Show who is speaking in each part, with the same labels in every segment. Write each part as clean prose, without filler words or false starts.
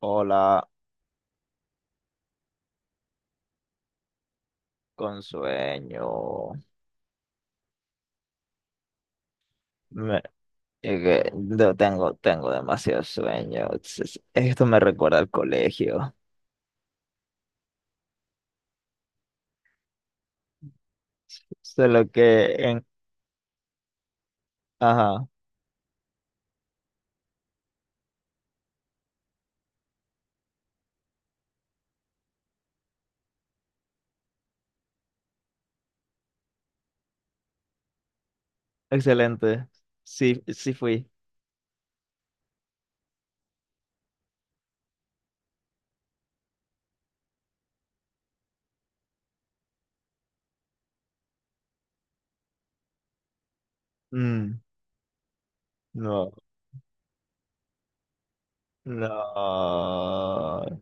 Speaker 1: Hola, con sueño. Me- es que no tengo, tengo demasiado sueño. Esto me recuerda al colegio. Solo que en... Ajá, excelente. Sí, sí fui. Mm, no, no.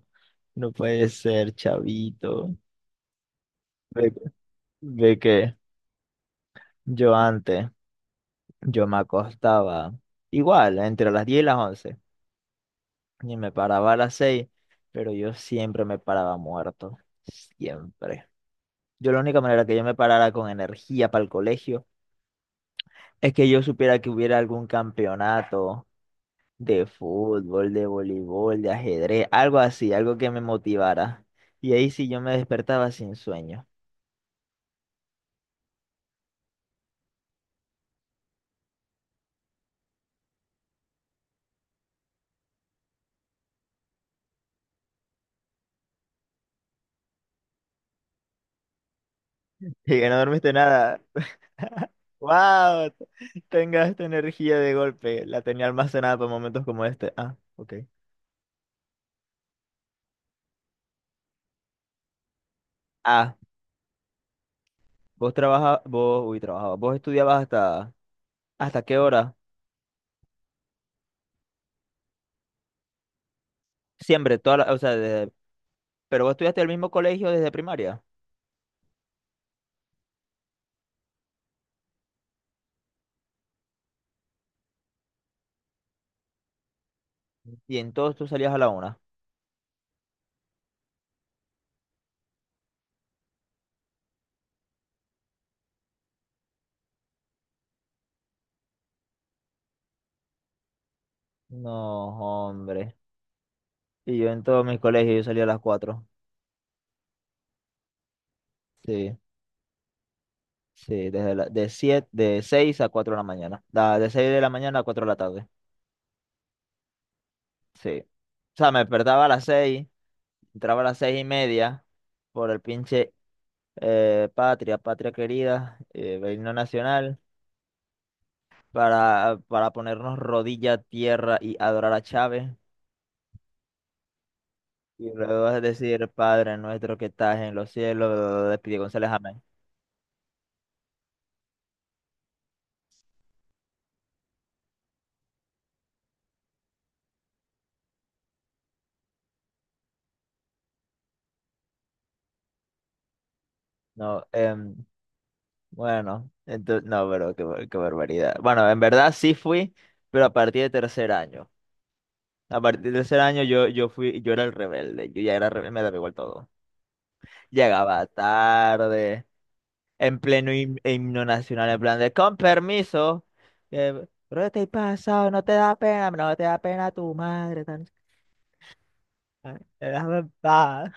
Speaker 1: No puede ser, chavito. Ve, ve que yo antes, yo me acostaba igual, entre las 10 y las 11, y me paraba a las 6, pero yo siempre me paraba muerto, siempre. Yo, la única manera que yo me parara con energía para el colegio, es que yo supiera que hubiera algún campeonato de fútbol, de voleibol, de ajedrez, algo así, algo que me motivara. Y ahí sí yo me despertaba sin sueño. Y que no dormiste nada. ¡Wow! Tenga esta energía de golpe. La tenía almacenada para momentos como este. Ah, ok. Ah, vos trabajabas, vos, uy, trabajabas, vos estudiabas hasta... ¿Hasta qué hora? Siempre, o sea, pero vos estudiaste en el mismo colegio desde primaria, y en todos tú salías a la 1. No, hombre. Y yo en todos mis colegios yo salía a las 4. Sí, sí, de siete, de 6 a 4 de la mañana. Da, de 6 de la mañana a 4 de la tarde. Sí. O sea, me despertaba a las 6, entraba a las 6:30 por el pinche Patria, Patria querida, el himno nacional, para ponernos rodilla a tierra y adorar a Chávez. Y luego vas a decir, Padre nuestro que estás en los cielos, bla, bla, bla, de Pidi González, amén. No, bueno, entonces, no, pero qué, qué barbaridad. Bueno, en verdad sí fui, pero a partir de tercer año. A partir del tercer año yo fui, yo era el rebelde, yo ya era rebelde, me daba igual todo. Llegaba tarde, en pleno himno nacional, en plan de, con permiso, pero te he pasado, no te da pena, no te da pena tu madre, déjame en paz.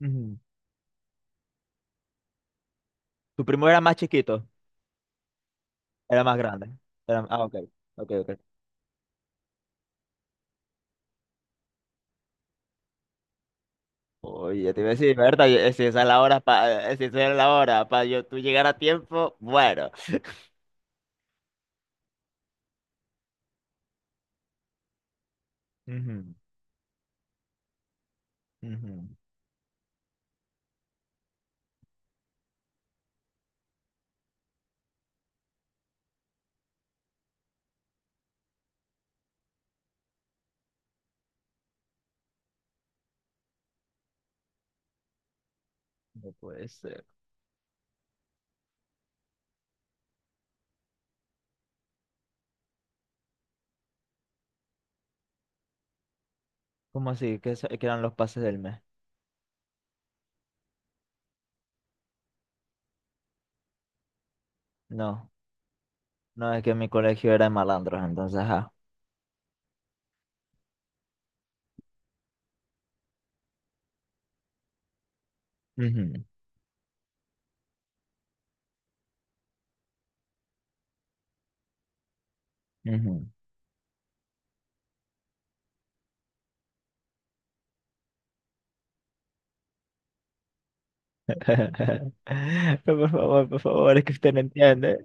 Speaker 1: Ujú. Tu primo era más chiquito. Era más grande. Ah, ok. Ok, ok. Oye, te iba a decir, Berta, si esa es la hora, si esa es la hora, para yo, tú llegar a tiempo, bueno. Ujú, ujú. No puede ser. ¿Cómo así? ¿Qué, qué eran los pases del mes? No, no, es que mi colegio era de malandros, entonces, ajá. Ujú, ujú. Por favor, es que usted no entiende.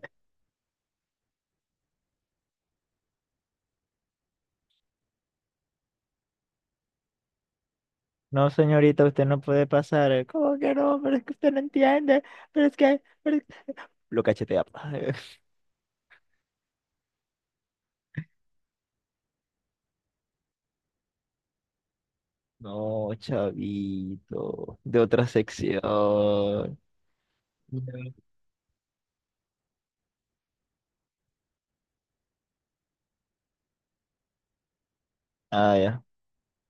Speaker 1: No, señorita, usted no puede pasar. ¿Cómo que no? Pero es que usted no entiende. Pero es que... pero es- Lo cachetea. Pa. No, chavito, de otra sección. Ya. Ah, ya.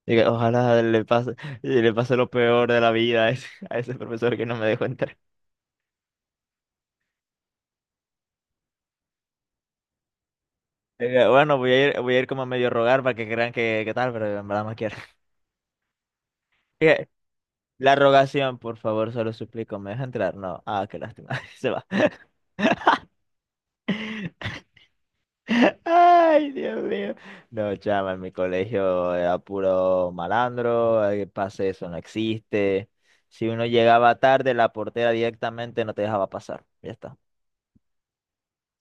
Speaker 1: Diga, ojalá le pase lo peor de la vida a a ese profesor que no me dejó entrar. Diga, bueno, voy a ir como a medio rogar para que crean que tal, pero en verdad no quiero. Diga, la rogación, por favor, se lo suplico, ¿me deja entrar? No. Ah, qué lástima. Se va. Ay, Dios mío. No, chama, en mi colegio era puro malandro, el pase eso no existe. Si uno llegaba tarde, la portera directamente no te dejaba pasar. Ya está.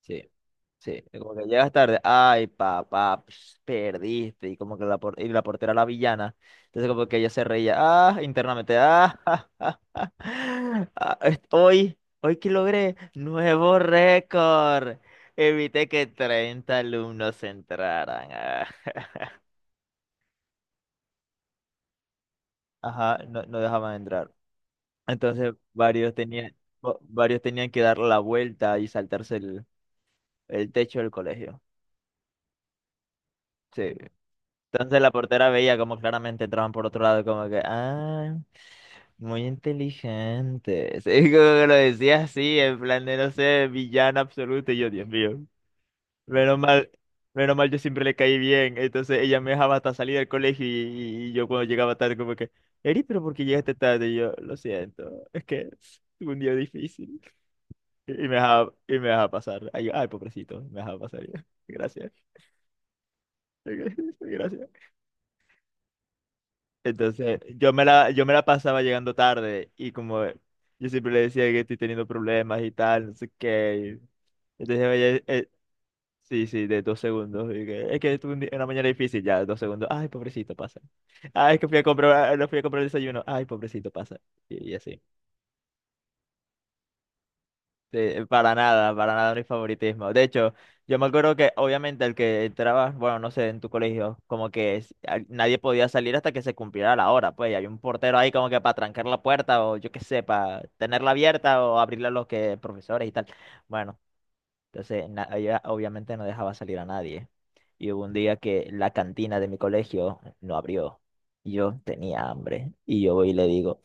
Speaker 1: Sí. Sí, como que llegas tarde, ay papá, ps, perdiste, y como que y la portera, la villana, entonces como que ella se reía, ah, internamente, ah, ja, ja, ja, ah, hoy, hoy que logré, nuevo récord, evité que 30 alumnos entraran, ah. Ajá, no, no dejaban entrar, entonces varios tenían que dar la vuelta y saltarse el techo del colegio, sí. Entonces la portera veía como claramente entraban por otro lado, como que, ah, muy inteligente. Sí, como que lo decía así, en plan de, no sé, villana absoluto. Y yo, Dios mío, menos mal, menos mal yo siempre le caí bien. Entonces ella me dejaba hasta salir del colegio, y yo cuando llegaba tarde, como que, Eri, pero ¿por qué llegaste tarde? Y yo, lo siento, es que tuve un día difícil. Y me dejaba, y me dejaba pasar. Ay, yo, ay, pobrecito, me dejaba pasar. Y yo, gracias, gracias. Entonces, yo me la pasaba llegando tarde, y como yo siempre le decía que estoy teniendo problemas y tal, no sé qué. Y entonces, oye, sí, sí, de 2 segundos. Y que, es que tuve una mañana difícil, ya, 2 segundos. Ay, pobrecito, pasa. Ay, es que fui a comprar, no fui a comprar el desayuno. Ay, pobrecito, pasa. Y así. Sí, para nada mi favoritismo. De hecho, yo me acuerdo que obviamente el que entraba, bueno, no sé, en tu colegio, como que nadie podía salir hasta que se cumpliera la hora, pues, y había un portero ahí como que para trancar la puerta o yo qué sé, para tenerla abierta o abrirla a los que profesores y tal. Bueno, entonces ella obviamente no dejaba salir a nadie. Y hubo un día que la cantina de mi colegio no abrió y yo tenía hambre y yo voy y le digo,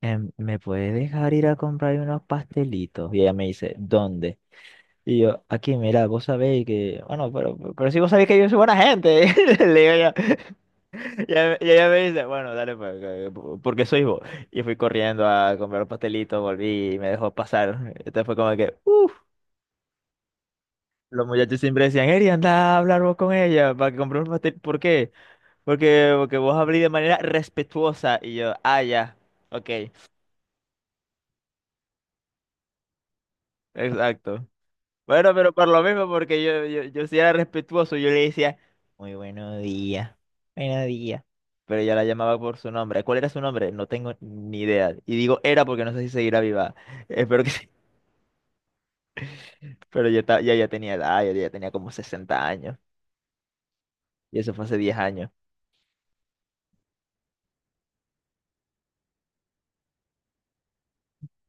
Speaker 1: ¿me puedes dejar ir a comprar unos pastelitos? Y ella me dice, ¿dónde? Y yo, aquí, mira, vos sabéis que, bueno, pero si vos sabéis que yo soy buena gente, le digo yo, y ella me dice, bueno, dale, pues, porque sois vos. Y fui corriendo a comprar los pastelitos, volví y me dejó pasar. Entonces fue como que, uff, los muchachos siempre decían, Eri, anda a hablar vos con ella para que compre un pastel. ¿Por qué? Porque vos hablís de manera respetuosa. Y yo, ah, ya, ok, exacto. Bueno, pero por lo mismo, porque yo sí era respetuoso, yo le decía, muy buenos días, buenos días. Pero ella la llamaba por su nombre. ¿Cuál era su nombre? No tengo ni idea. Y digo era porque no sé si seguirá viva. Espero que sí. Pero ya, ya, ya tenía edad, ya, ya tenía como 60 años. Y eso fue hace 10 años.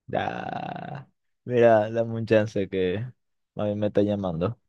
Speaker 1: Da. Mira, dame un chance que a mí me está llamando.